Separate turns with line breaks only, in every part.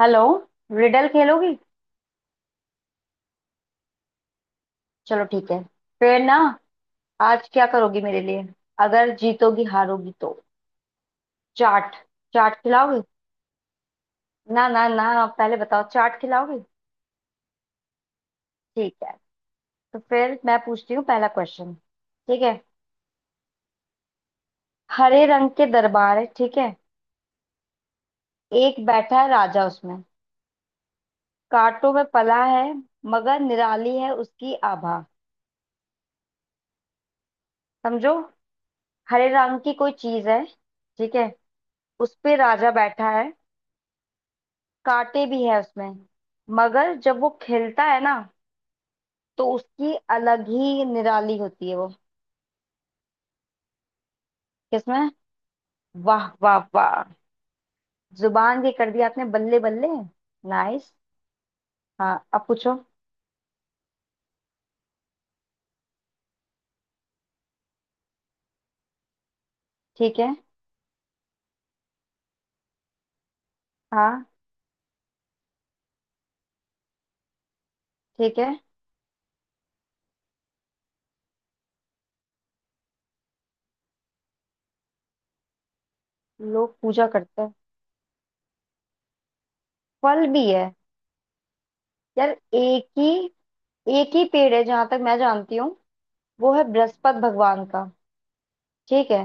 Hello. Riddle खेलोगी। चलो ठीक है। फिर ना, आज क्या करोगी मेरे लिए, अगर जीतोगी हारोगी तो। चाट। चाट खिलाओगे। ना ना ना, पहले बताओ चाट खिलाओगी। ठीक है। तो फिर मैं पूछती हूँ पहला क्वेश्चन, ठीक है। हरे रंग के दरबार है, ठीक है। एक बैठा है राजा उसमें। कांटों में पला है, मगर निराली है उसकी आभा। समझो, हरे रंग की कोई चीज है, ठीक है। उस पे राजा बैठा है। कांटे भी है उसमें, मगर जब वो खिलता है ना, तो उसकी अलग ही निराली होती है वो। किसमें? वाह वाह वाह। जुबान भी कर दिया आपने, बल्ले बल्ले। नाइस। हाँ, अब पूछो। ठीक है। हाँ। ठीक है। लोग पूजा करते हैं। फल भी है। यार, एक ही, एक ही पेड़ है जहां तक मैं जानती हूँ। वो है बृहस्पति भगवान का, ठीक है।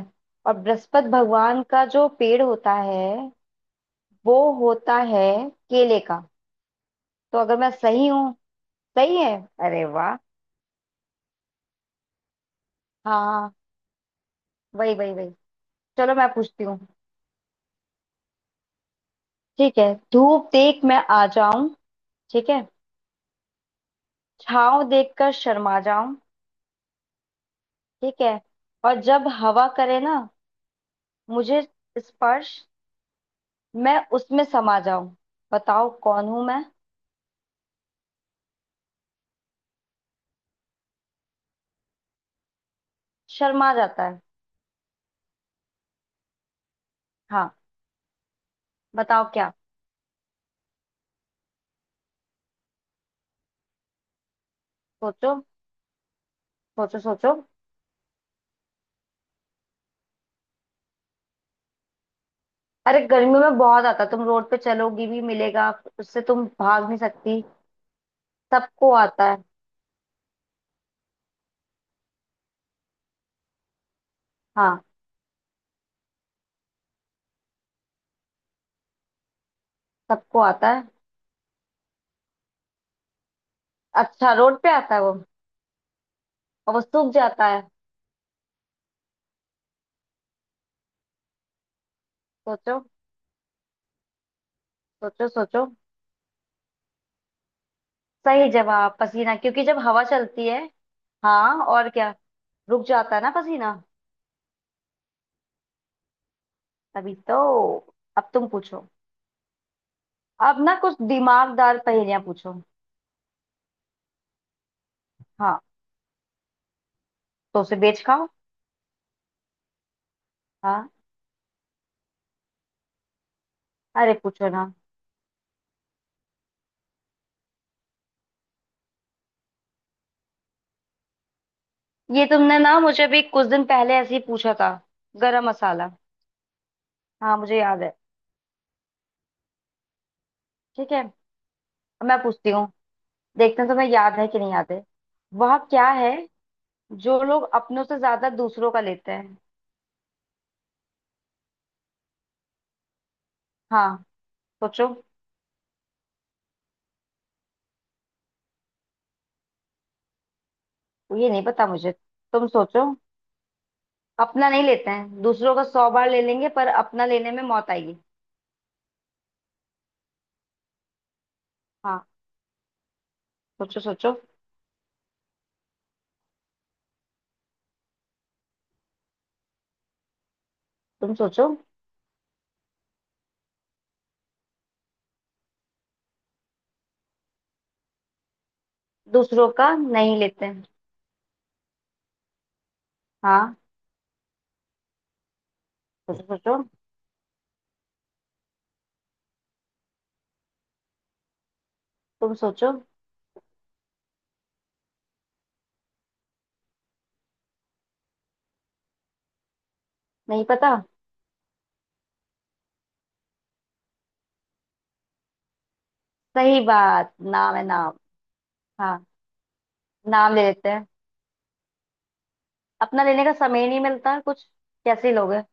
और बृहस्पति भगवान का जो पेड़ होता है, वो होता है केले का। तो अगर मैं सही हूँ, सही है। अरे वाह। हाँ, वही वही वही। चलो मैं पूछती हूँ। ठीक है, धूप देख मैं आ जाऊं, ठीक है। छाँव देखकर शर्मा जाऊं, ठीक है। और जब हवा करे ना मुझे स्पर्श, मैं उसमें समा जाऊं। बताओ कौन हूं मैं। शर्मा जाता है। हाँ। बताओ क्या। सोचो, सोचो सोचो। अरे गर्मियों में बहुत आता है, तुम रोड पे चलोगी भी मिलेगा। उससे तुम भाग नहीं सकती। सबको आता है। हाँ। सबको आता है। अच्छा रोड पे आता है वो। और वो सूख जाता है। सोचो, सोचो सोचो। सही जवाब पसीना, क्योंकि जब हवा चलती है। हाँ और क्या, रुक जाता है ना पसीना। तभी तो। अब तुम पूछो। अब ना कुछ दिमागदार पहेलियां पूछो। हाँ, तो उसे बेच खाओ। हाँ। अरे पूछो ना। ये तुमने ना मुझे भी कुछ दिन पहले ऐसे ही पूछा था। गरम मसाला। हाँ मुझे याद है। ठीक है। अब मैं पूछती हूँ, देखते हैं तुम्हें याद है कि नहीं याद है। वह क्या है जो लोग अपनों से ज्यादा दूसरों का लेते हैं। हाँ। सोचो। वो ये नहीं पता मुझे। तुम सोचो। अपना नहीं लेते हैं, दूसरों का सौ बार ले लेंगे, पर अपना लेने में मौत आएगी। हाँ। सोचो सोचो। तुम सोचो। दूसरों का नहीं लेते हैं। हाँ। सोचो सोचो। तुम सोचो। नहीं पता। सही बात, नाम है नाम। हाँ, नाम ले लेते हैं। अपना लेने का समय ही नहीं मिलता है कुछ। कैसे लोग हैं।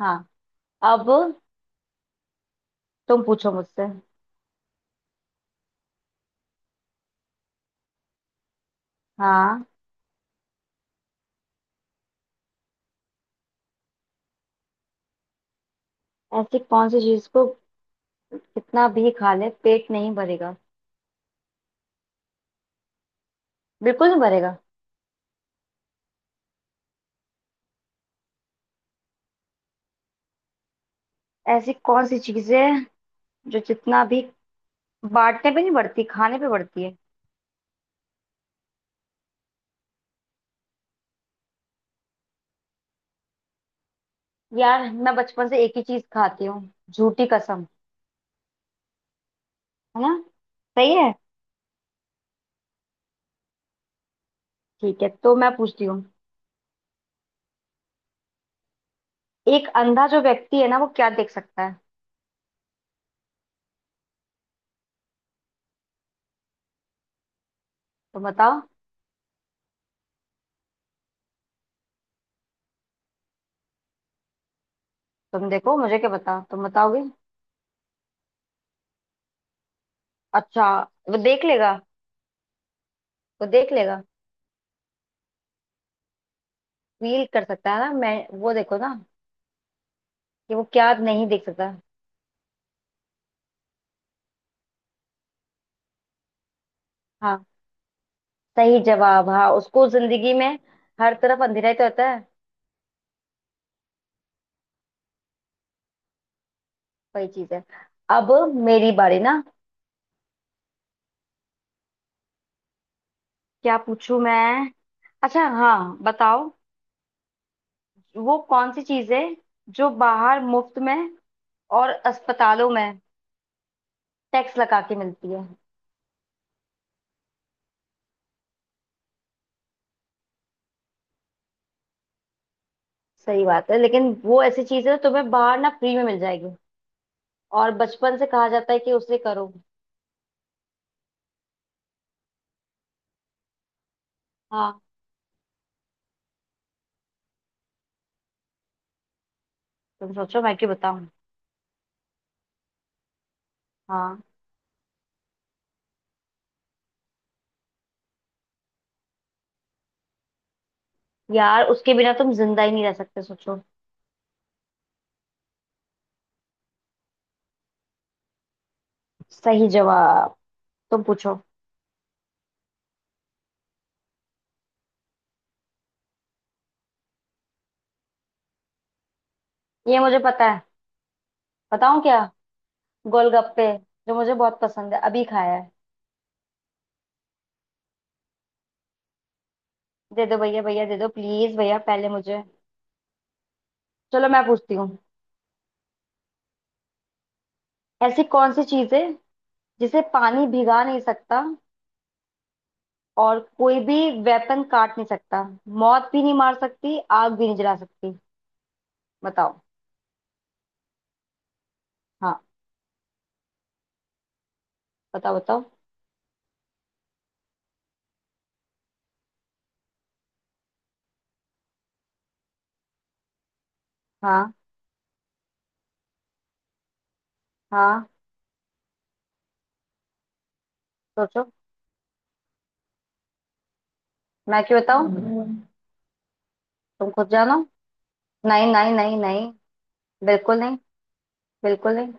हाँ। अब तुम पूछो मुझसे। हाँ। ऐसी कौन सी चीज को कितना भी खा ले पेट नहीं भरेगा। बिल्कुल नहीं भरेगा। ऐसी कौन सी चीज है जो जितना भी बांटने पे नहीं बढ़ती, खाने पे बढ़ती है। यार मैं बचपन से एक ही चीज खाती हूँ। झूठी कसम। है ना। सही है। ठीक है, तो मैं पूछती हूँ। एक अंधा जो व्यक्ति है ना, वो क्या देख सकता है। तुम बताओ। तुम देखो, मुझे क्या बताओ, तुम बताओगे। अच्छा, वो देख लेगा। वो देख लेगा। फील कर सकता है ना, मैं वो देखो ना, कि वो क्या नहीं देख सकता। हाँ, सही जवाब। हाँ, उसको जिंदगी में हर तरफ अंधेरा ही तो होता है। वही चीज है। अब मेरी बारी ना। क्या पूछूं मैं। अच्छा हाँ बताओ। वो कौन सी चीज है जो बाहर मुफ्त में, और अस्पतालों में टैक्स लगा के मिलती है। सही बात है, लेकिन वो ऐसी चीज है जो तुम्हें बाहर ना फ्री में मिल जाएगी। और बचपन से कहा जाता है कि उसे करो। हाँ। तुम सोचो, मैं क्यों बताऊं। हाँ। यार उसके बिना तुम जिंदा ही नहीं रह सकते, सोचो। सही जवाब। तुम पूछो। ये मुझे पता है। बताऊं क्या। गोलगप्पे, जो मुझे बहुत पसंद है, अभी खाया है। दे दो भैया, भैया दे दो, प्लीज भैया पहले मुझे। चलो मैं पूछती हूँ। ऐसी कौन सी चीज है जिसे पानी भिगा नहीं सकता, और कोई भी वेपन काट नहीं सकता, मौत भी नहीं मार सकती, आग भी नहीं जला सकती। बताओ। हाँ। बताओ बताओ। हाँ। हाँ। सोचो, मैं क्यों बताऊँ। तुम खुद जानो। नहीं नहीं नहीं नहीं, बिल्कुल नहीं, बिल्कुल नहीं।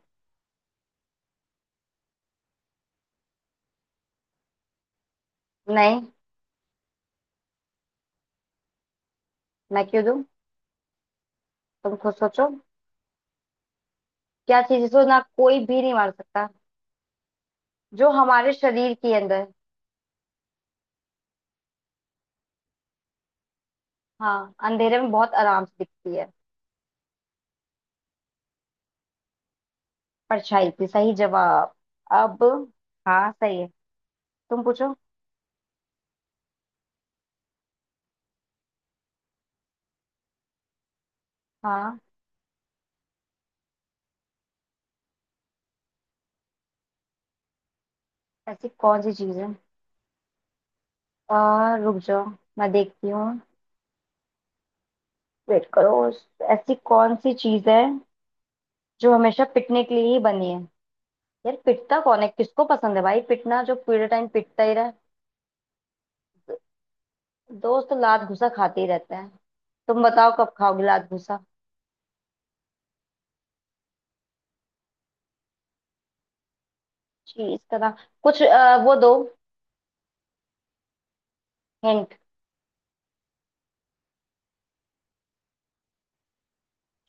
नहीं, मैं क्यों दूं, तुम खुद सोचो। क्या चीज जिसको ना कोई भी नहीं मार सकता। जो हमारे शरीर के अंदर। हाँ, अंधेरे में बहुत आराम से दिखती है। परछाई थी, सही जवाब। अब, हाँ सही है। तुम पूछो। हाँ। ऐसी कौन सी चीज है। रुक जाओ, मैं देखती हूँ, वेट करो। ऐसी कौन सी चीज है जो हमेशा पिटने के लिए ही बनी है। यार पिटता कौन है, किसको पसंद है भाई पिटना, जो पूरे टाइम पिटता ही रहे। दोस्त लात घुसा खाते ही रहते हैं। तुम बताओ कब खाओगे लात घुसा। चीज का नाम। कुछ वो दो हिंट।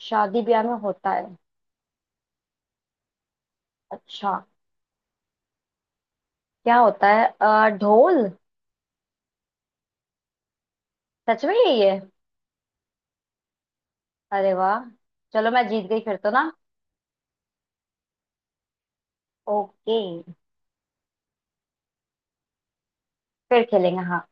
शादी ब्याह में होता है। अच्छा। क्या होता है, ढोल। सच में यही है। अरे वाह। चलो मैं जीत गई फिर तो ना। ओके, फिर खेलेंगे हाँ।